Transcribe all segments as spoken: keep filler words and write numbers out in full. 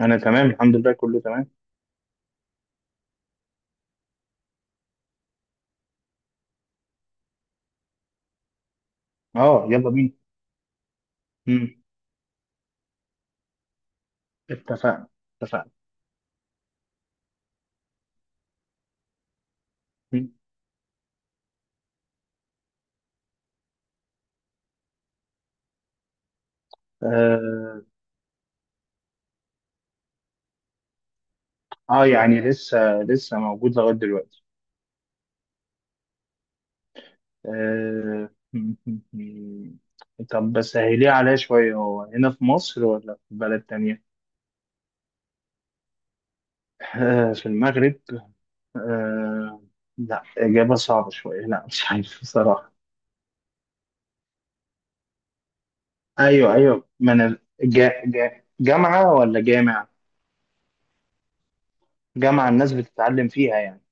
انا تمام الحمد لله، كله تمام. اه، يلا بينا. مم. اتفقنا، اتفقنا. مم. آه. اه يعني لسه لسه موجود لغايه دلوقتي. آه. مم. مم. طب بس سهليه عليا شويه، هو هنا في مصر ولا في بلد تانية؟ آه. في المغرب. آه. لا اجابه صعبه شويه، لا مش عارف بصراحه. ايوه، ايوه، ما انا جا جا جامعه ولا جامع؟ جامعه الناس بتتعلم فيها يعني.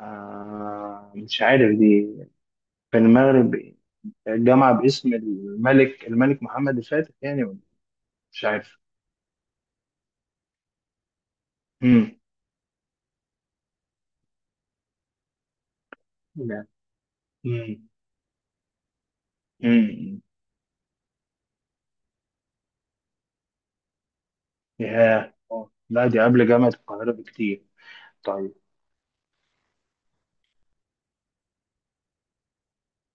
آه. مش عارف دي. في المغرب. جامعة باسم الملك الملك محمد الفاتح يعني، ولا؟ مش عارف. امم. لا. مم. امم. ياه، آه. لا دي قبل جامعة القاهرة بكتير. طيب.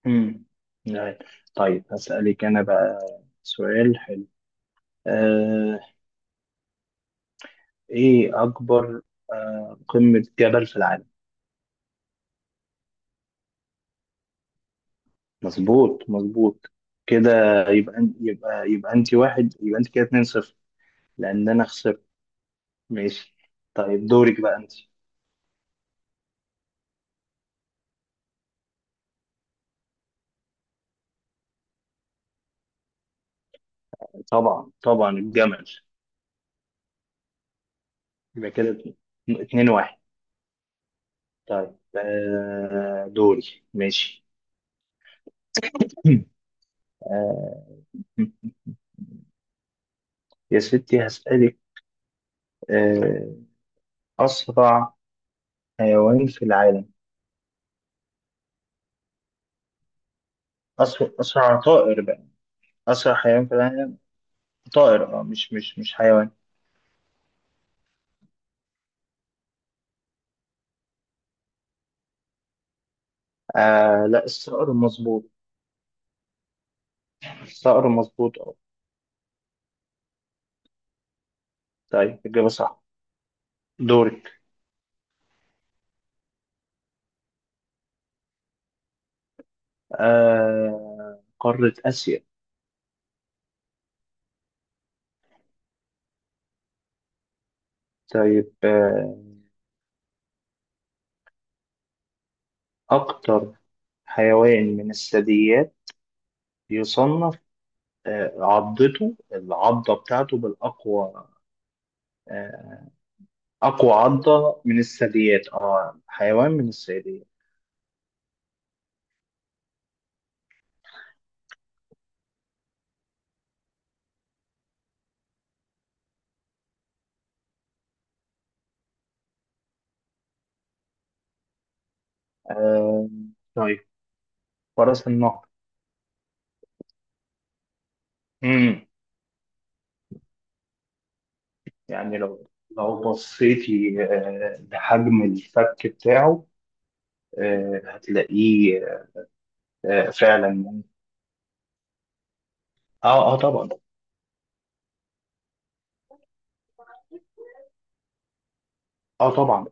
امم. لا. طيب هسألك أنا بقى سؤال حلو. آه، إيه أكبر، آه، قمة جبل في العالم؟ مظبوط، مظبوط كده. يبقى أن- يبقى يبقى أنت واحد، يبقى أنت كده اتنين صفر لأن أنا خسرت. ماشي. طيب دورك بقى أنت. طبعا، طبعا الجمل. يبقى كده اتنين اتنين واحد. طيب آه، دوري، ماشي. آه، يا ستي هسألك، آه، أسرع حيوان في العالم. أسرع, أسرع طائر بقى. أسرع حيوان في العالم، طائر، أه مش مش مش حيوان. آه لا، الصقر مظبوط. الصقر مظبوط، أه. طيب، إجابة صح. دورك. آه، قارة آسيا. طيب آه، أكتر حيوان من الثدييات يصنف آه، عضته، العضة بتاعته بالأقوى. آه، أقوى عضة من الثدييات، اه حيوان من الثدييات. آه. طيب، فرس النهر. مم. يعني لو لو بصيتي آه، لحجم الفك بتاعه، آه، هتلاقيه. آه، فعلا. اه اه طبعا. اه طبعا.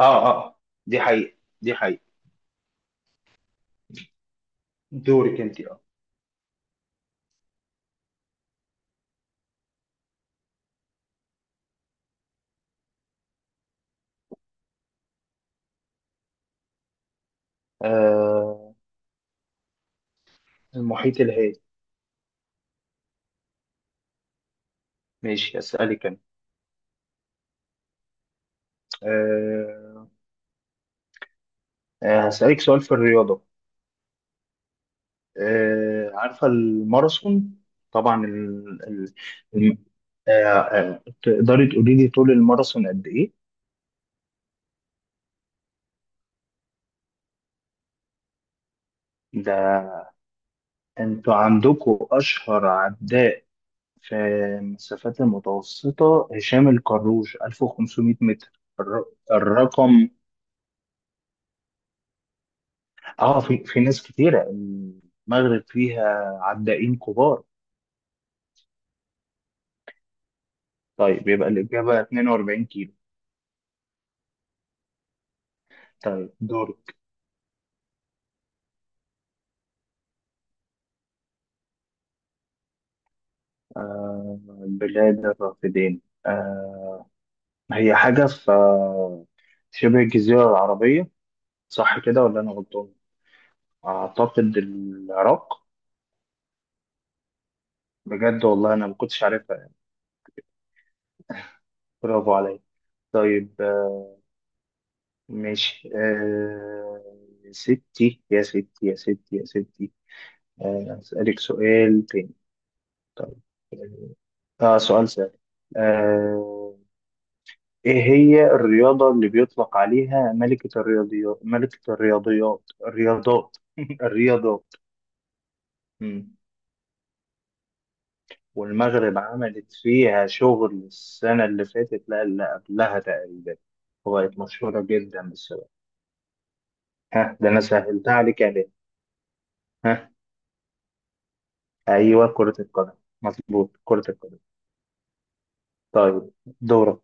اه اه. آه. دي حقيقة، دي حقيقة. دورك انت، اه. آه، المحيط الهادي. ماشي، أسألك أنا، آه، آه، هسألك سؤال في الرياضة. آه، عارفة الماراثون؟ طبعا. ال... ال... الم- آه، آه، تقدري تقولي لي طول الماراثون قد ايه؟ ده انتوا عندكم اشهر عداء في المسافات المتوسطة، هشام الكروش 1500 متر. الر- الرقم. اه، في في ناس كتيرة. المغرب فيها عدائين كبار. طيب، يبقى الإجابة 42 كيلو. طيب دورك. آه، بلاد الرافدين، آه، هي حاجة في آه، شبه الجزيرة العربية، صح كده ولا أنا غلطان؟ أعتقد العراق. بجد والله أنا ما كنتش عارفها يعني. برافو عليا. طيب آه، ماشي، آه، يا ستي يا ستي يا ستي يا ستي، آه، أسألك سؤال تاني. طيب، آه، آه، سؤال سهل، آه، إيه هي الرياضة اللي بيطلق عليها ملكة الرياضيات ملكة الرياضيات الرياضات الرياضات. مم. والمغرب عملت فيها شغل السنة اللي فاتت، لا اللي قبلها تقريبا، وبقت مشهورة جدا بالسبب. ها، ده أنا سهلتها عليك يا ليه. ها، أيوه، كرة القدم. مظبوط، كرة القدم. طيب دورك.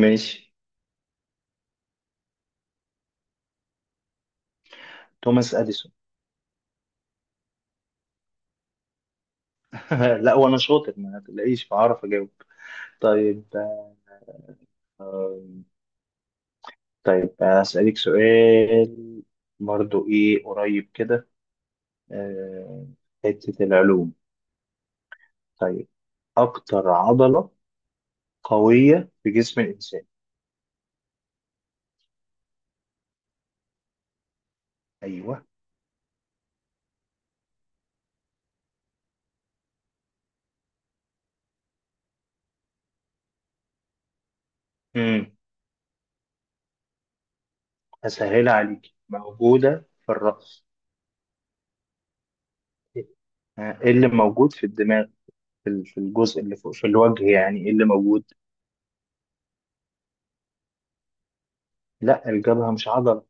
ماشي، توماس أديسون. لا وأنا شاطر، ما تلاقيش بعرف أجاوب. طيب آم، طيب أسألك سؤال برضو، إيه قريب كده، آه، حتة العلوم. طيب، أكتر عضلة قوية في جسم الإنسان. أيوه. امم. هسهلها عليك، موجودة في الرأس. ها، إيه اللي موجود في الدماغ، في ال- في الجزء اللي فوق في الوجه، يعني إيه اللي موجود؟ لا الجبهة مش عضلة.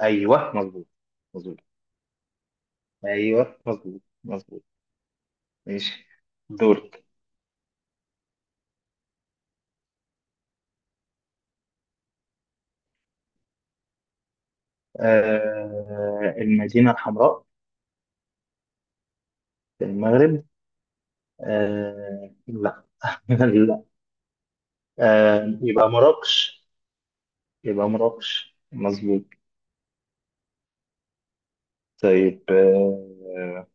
أيوه، مظبوط، مظبوط. أيوه، مظبوط، مظبوط. ماشي، دورك. آه، المدينة الحمراء في المغرب. آه لا. لا. آه، يبقى مراكش. يبقى مراكش، مظبوط. طيب آه،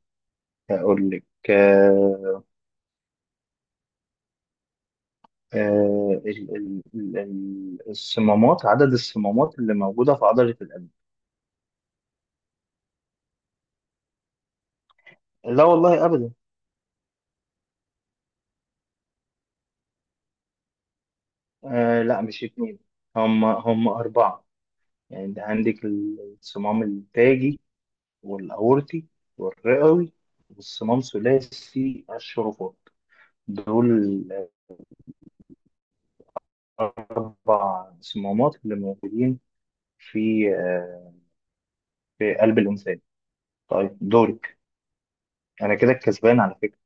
هقول لك، آه، آه، ال- ال- ال- ال- الصمامات. عدد الصمامات اللي موجودة في عضلة القلب. لا والله أبدا. آه، لا مش اتنين، هم هم أربعة. يعني أنت عندك الصمام التاجي، والأورطي، والرئوي، والصمام ثلاثي الشرفات. دول الأربع صمامات اللي موجودين في آه، في قلب الإنسان. طيب دورك. أنا كده الكسبان على فكرة.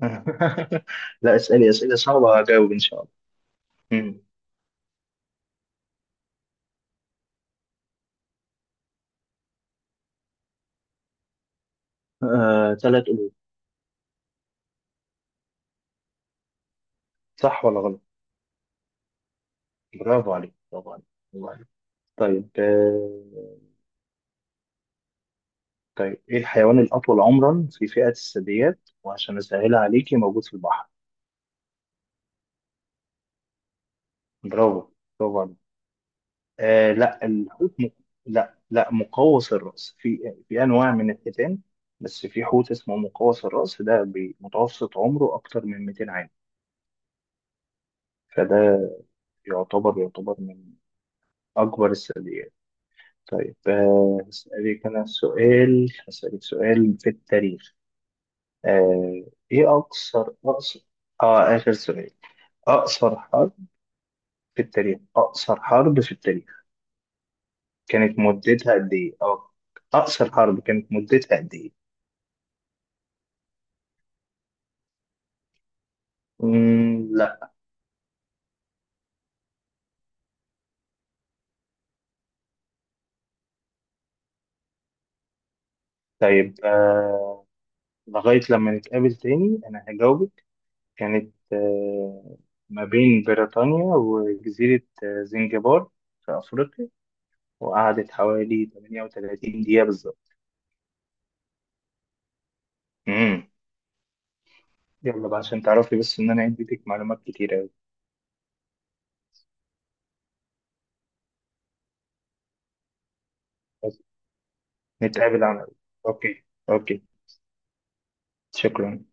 لا، اسألي أسئلة صعبة هجاوب إن شاء الله. مم. آه، ثلاث قلوب. صح ولا غلط؟ برافو عليك، برافو عليك، برافو عليك. طيب آه، طيب إيه الحيوان الأطول عمرا في فئة الثدييات؟ وعشان أسهلها عليكي، موجود في البحر. برافو، برافو عليك. آه، لا الحوت م... لا، لا، مقوس الرأس. في في أنواع من الحيتان، بس في حوت اسمه مقوس الرأس، ده بمتوسط عمره أكتر من 200 عام. فده يعتبر، يعتبر من أكبر الثدييات. طيب آه، هسألك أنا سؤال هسألك سؤال في التاريخ. آه، إيه أقصر أقصر، آه، آخر سؤال. أقصر حرب في التاريخ، أقصر حرب في التاريخ كانت مدتها قد إيه؟ أو أقصر حرب كانت مدتها قد إيه؟ مم، لا. طيب آه، لغاية لما نتقابل تاني أنا هجاوبك. كانت آه، ما بين بريطانيا وجزيرة آه، زنجبار في أفريقيا، وقعدت حوالي 38 دقيقة بالظبط. مم. يلا بقى عشان تعرفي بس إن أنا عندي ليك معلومات كتير أوي. بس نتقابل على، أوكي، أوكي، شكرا.